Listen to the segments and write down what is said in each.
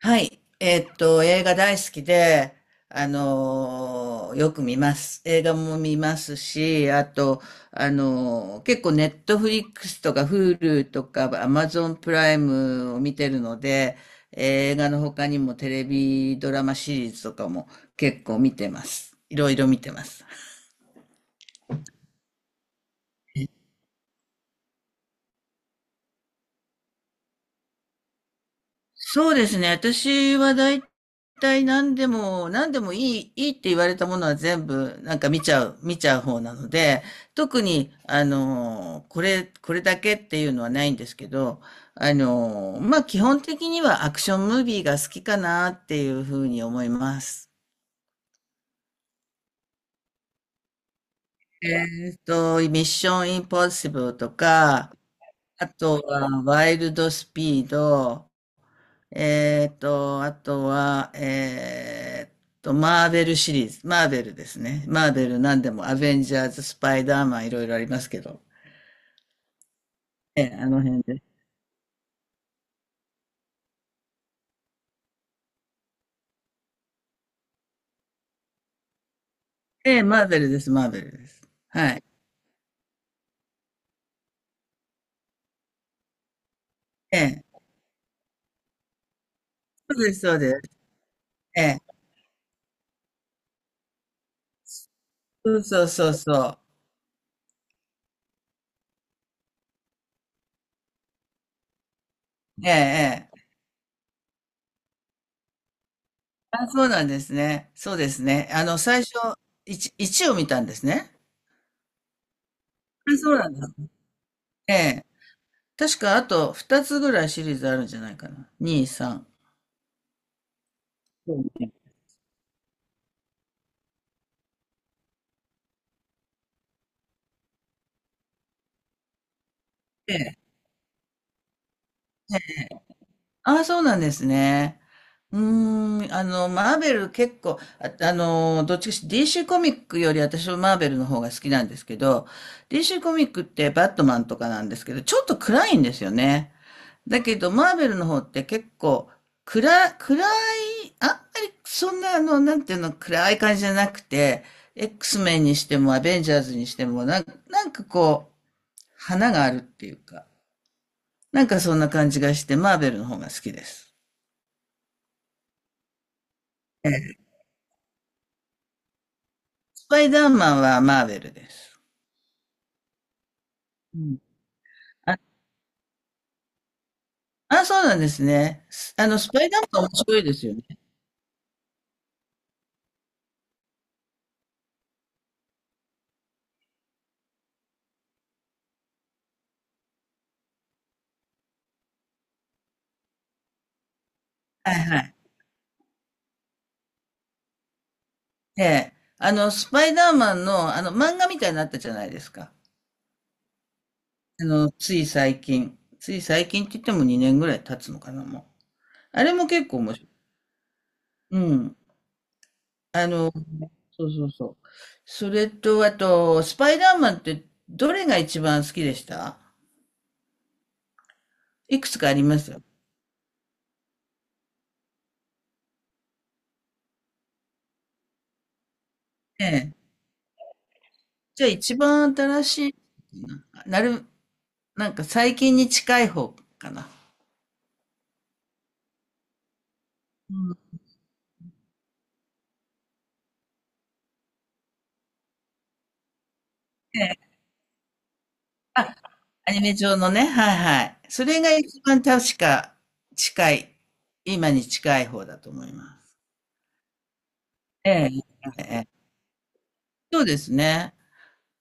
はい。映画大好きで、よく見ます。映画も見ますし、あと、結構ネットフリックスとか Hulu とか Amazon プライムを見てるので、映画の他にもテレビドラマシリーズとかも結構見てます。いろいろ見てます。そうですね。私は大体何でもいいって言われたものは全部なんか見ちゃう方なので、特に、これだけっていうのはないんですけど、まあ、基本的にはアクションムービーが好きかなっていうふうに思います。ミッションインポッシブルとか、あとはワイルドスピード、あとは、マーベルシリーズ。マーベルですね。マーベル何でも、アベンジャーズ、スパイダーマン、いろいろありますけど。ええ、あの辺で。ええ、マーベルです、マーベルです。はい。ええ、そうです、そうです。ええ、そうそうそうそう。ええ、ええ。あ、そうなんですね。そうですね。最初、1、一を見たんですね。あ、そうなんだ。ええ。確か、あと2つぐらいシリーズあるんじゃないかな。2、3。そうね。ああ、そうなんですね。うーん、マーベル結構、あ、どっちかし DC コミックより私はマーベルの方が好きなんですけど、DC コミックってバットマンとかなんですけど、ちょっと暗いんですよね。だけど、マーベルの方って結構、暗、暗い、あんまりそんななんていうの、暗い感じじゃなくて、X メンにしてもアベンジャーズにしても、なんかこう、花があるっていうか、なんかそんな感じがして、マーベルの方が好きです。スパイダーマンはマーベルです。うん。あ、あ、そうなんですね。すあの、スパイダーマン面白いですよね。はいはい。ええ。スパイダーマンの、漫画みたいになったじゃないですか。つい最近。つい最近って言っても2年ぐらい経つのかな、もう。あれも結構面白い。うん。あの、そうそうそう。それと、あと、スパイダーマンってどれが一番好きでした？いくつかありますよ。ええ。じゃあ一番新しいな、なる、なんか最近に近い方かな。うん。で、あ、アニメ上のね、はいはい。それが一番確か近い、今に近い方だと思います。ええ、ええ、そうですね。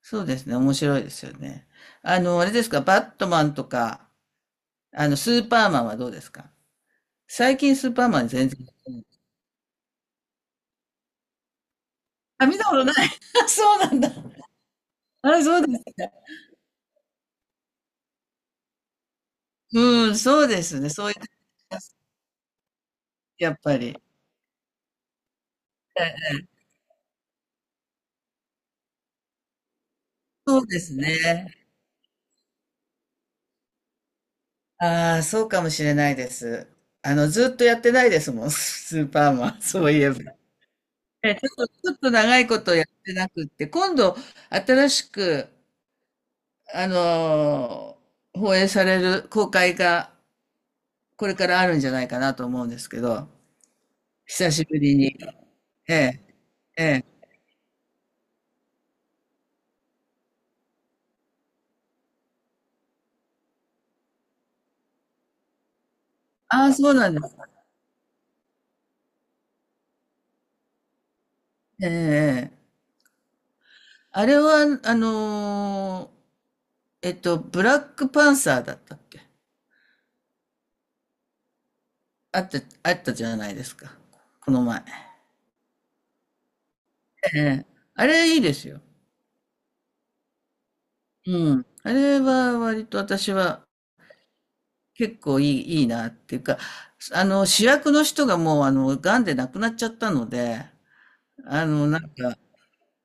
そうですね。面白いですよね。あれですか、バットマンとか、スーパーマンはどうですか？最近スーパーマン全然。あ、見たことない。そうなんだ。あ、そうです。うん、そうですね。そういう時、やっぱり。そうですね。ああ、そうかもしれないです。ずっとやってないですもん、スーパーマン、そういえば。ちょっと長いことやってなくって、今度、新しく、あのー放映される公開が、これからあるんじゃないかなと思うんですけど、久しぶりに。ええ。ああ、そうなんです。ええ、ええ。あれは、ブラックパンサーだったっけ？あったじゃないですか、この前。ええ。あれいいですよ。うん。あれは割と私は結構いいなっていうか、主役の人がもう癌で亡くなっちゃったので、なんか、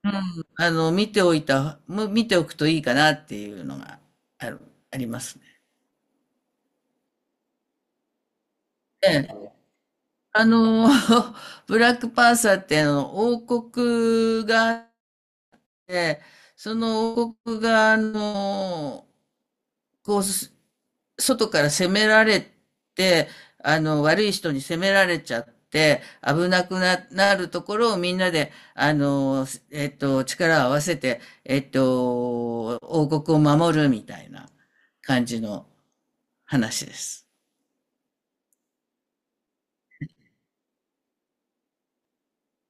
うん、見ておくといいかなっていうのがある、ありますね。ええ。あの、ブラックパンサーって王国があって、その王国がこう、外から攻められて、悪い人に攻められちゃって、危なくな、なるところをみんなで、力を合わせて、王国を守るみたいな感じの話です。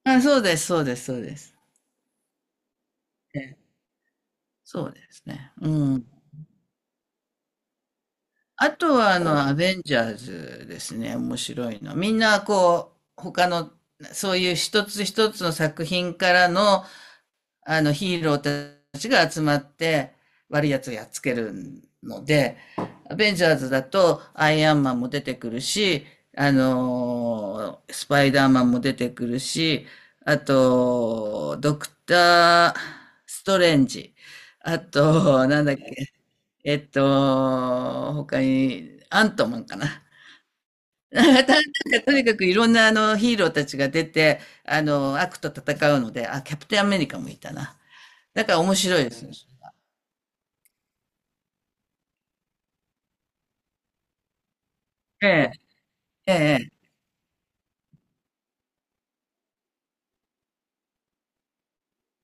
あ、そうです、そうです、そうです。えそうですね。うん。あとは、アベンジャーズですね。面白いの。みんな、こう、他の、そういう一つ一つの作品からの、あのヒーローたちが集まって悪いやつをやっつけるので、アベンジャーズだとアイアンマンも出てくるし、スパイダーマンも出てくるし、あと、ドクター・ストレンジ。あと、なんだっけ、他に、アントマンかな。なんかとにかくいろんなあのヒーローたちが出て、悪と戦うので、あ、キャプテンアメリカもいたな。だから面白いです。ええ、ええ、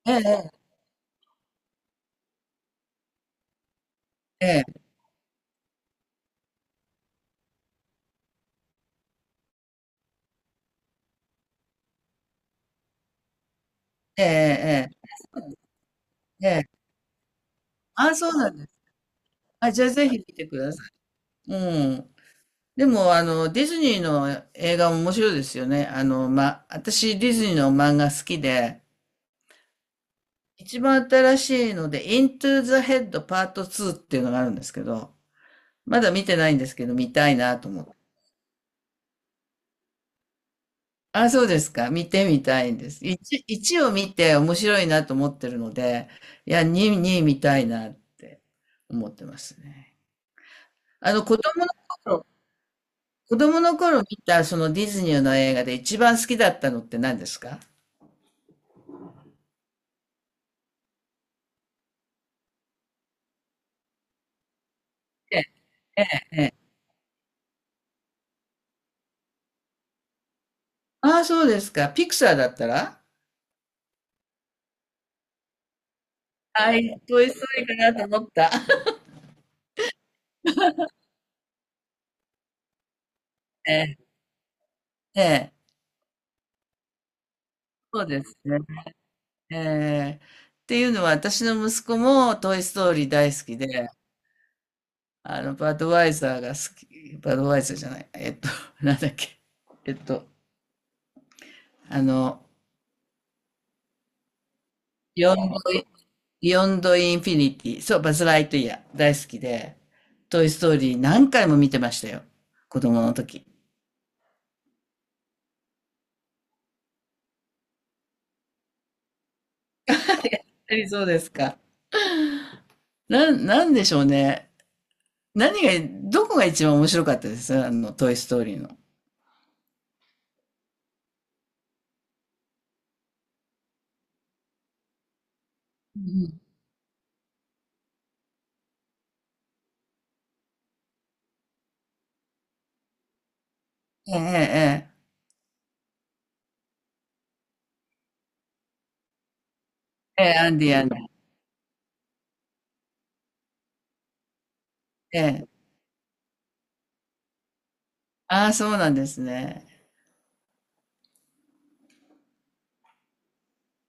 ええ、ええ、ええ、ええ、ええ。あ、そうなんです。あ、じゃあぜひ見てください。うん。でも、ディズニーの映画も面白いですよね。ま、私、ディズニーの漫画好きで、一番新しいので、Into the Head Part 2っていうのがあるんですけど、まだ見てないんですけど、見たいなと思って。あ、そうですか。見てみたいんです。1を見て面白いなと思ってるので、いや、2、に見たいなって思ってますね。あの、子供の頃、子供の頃見たそのディズニーの映画で一番好きだったのって何ですか？えああ、そうですか。ピクサーだったら？はい、トイストーリーかなと思った。ええ、ええ。そうですね。ええ、っていうのは私の息子もトイストーリー大好きで、バドワイザーが好き、バドワイザーじゃない、なんだっけ、えっと、あの、ヨンド度ヨンドインフィニティ、そう、バズ・ライトイヤー、大好きで、トイ・ストーリー何回も見てましたよ、子供の時。やっぱりそうですか。なんでしょうね。何が、どこが一番面白かったです？あの、トイ・ストーリーの。うん。ええ、ええ、ええ、ええ。アンディ、アンディ。ええ、ああ、そうなんですね。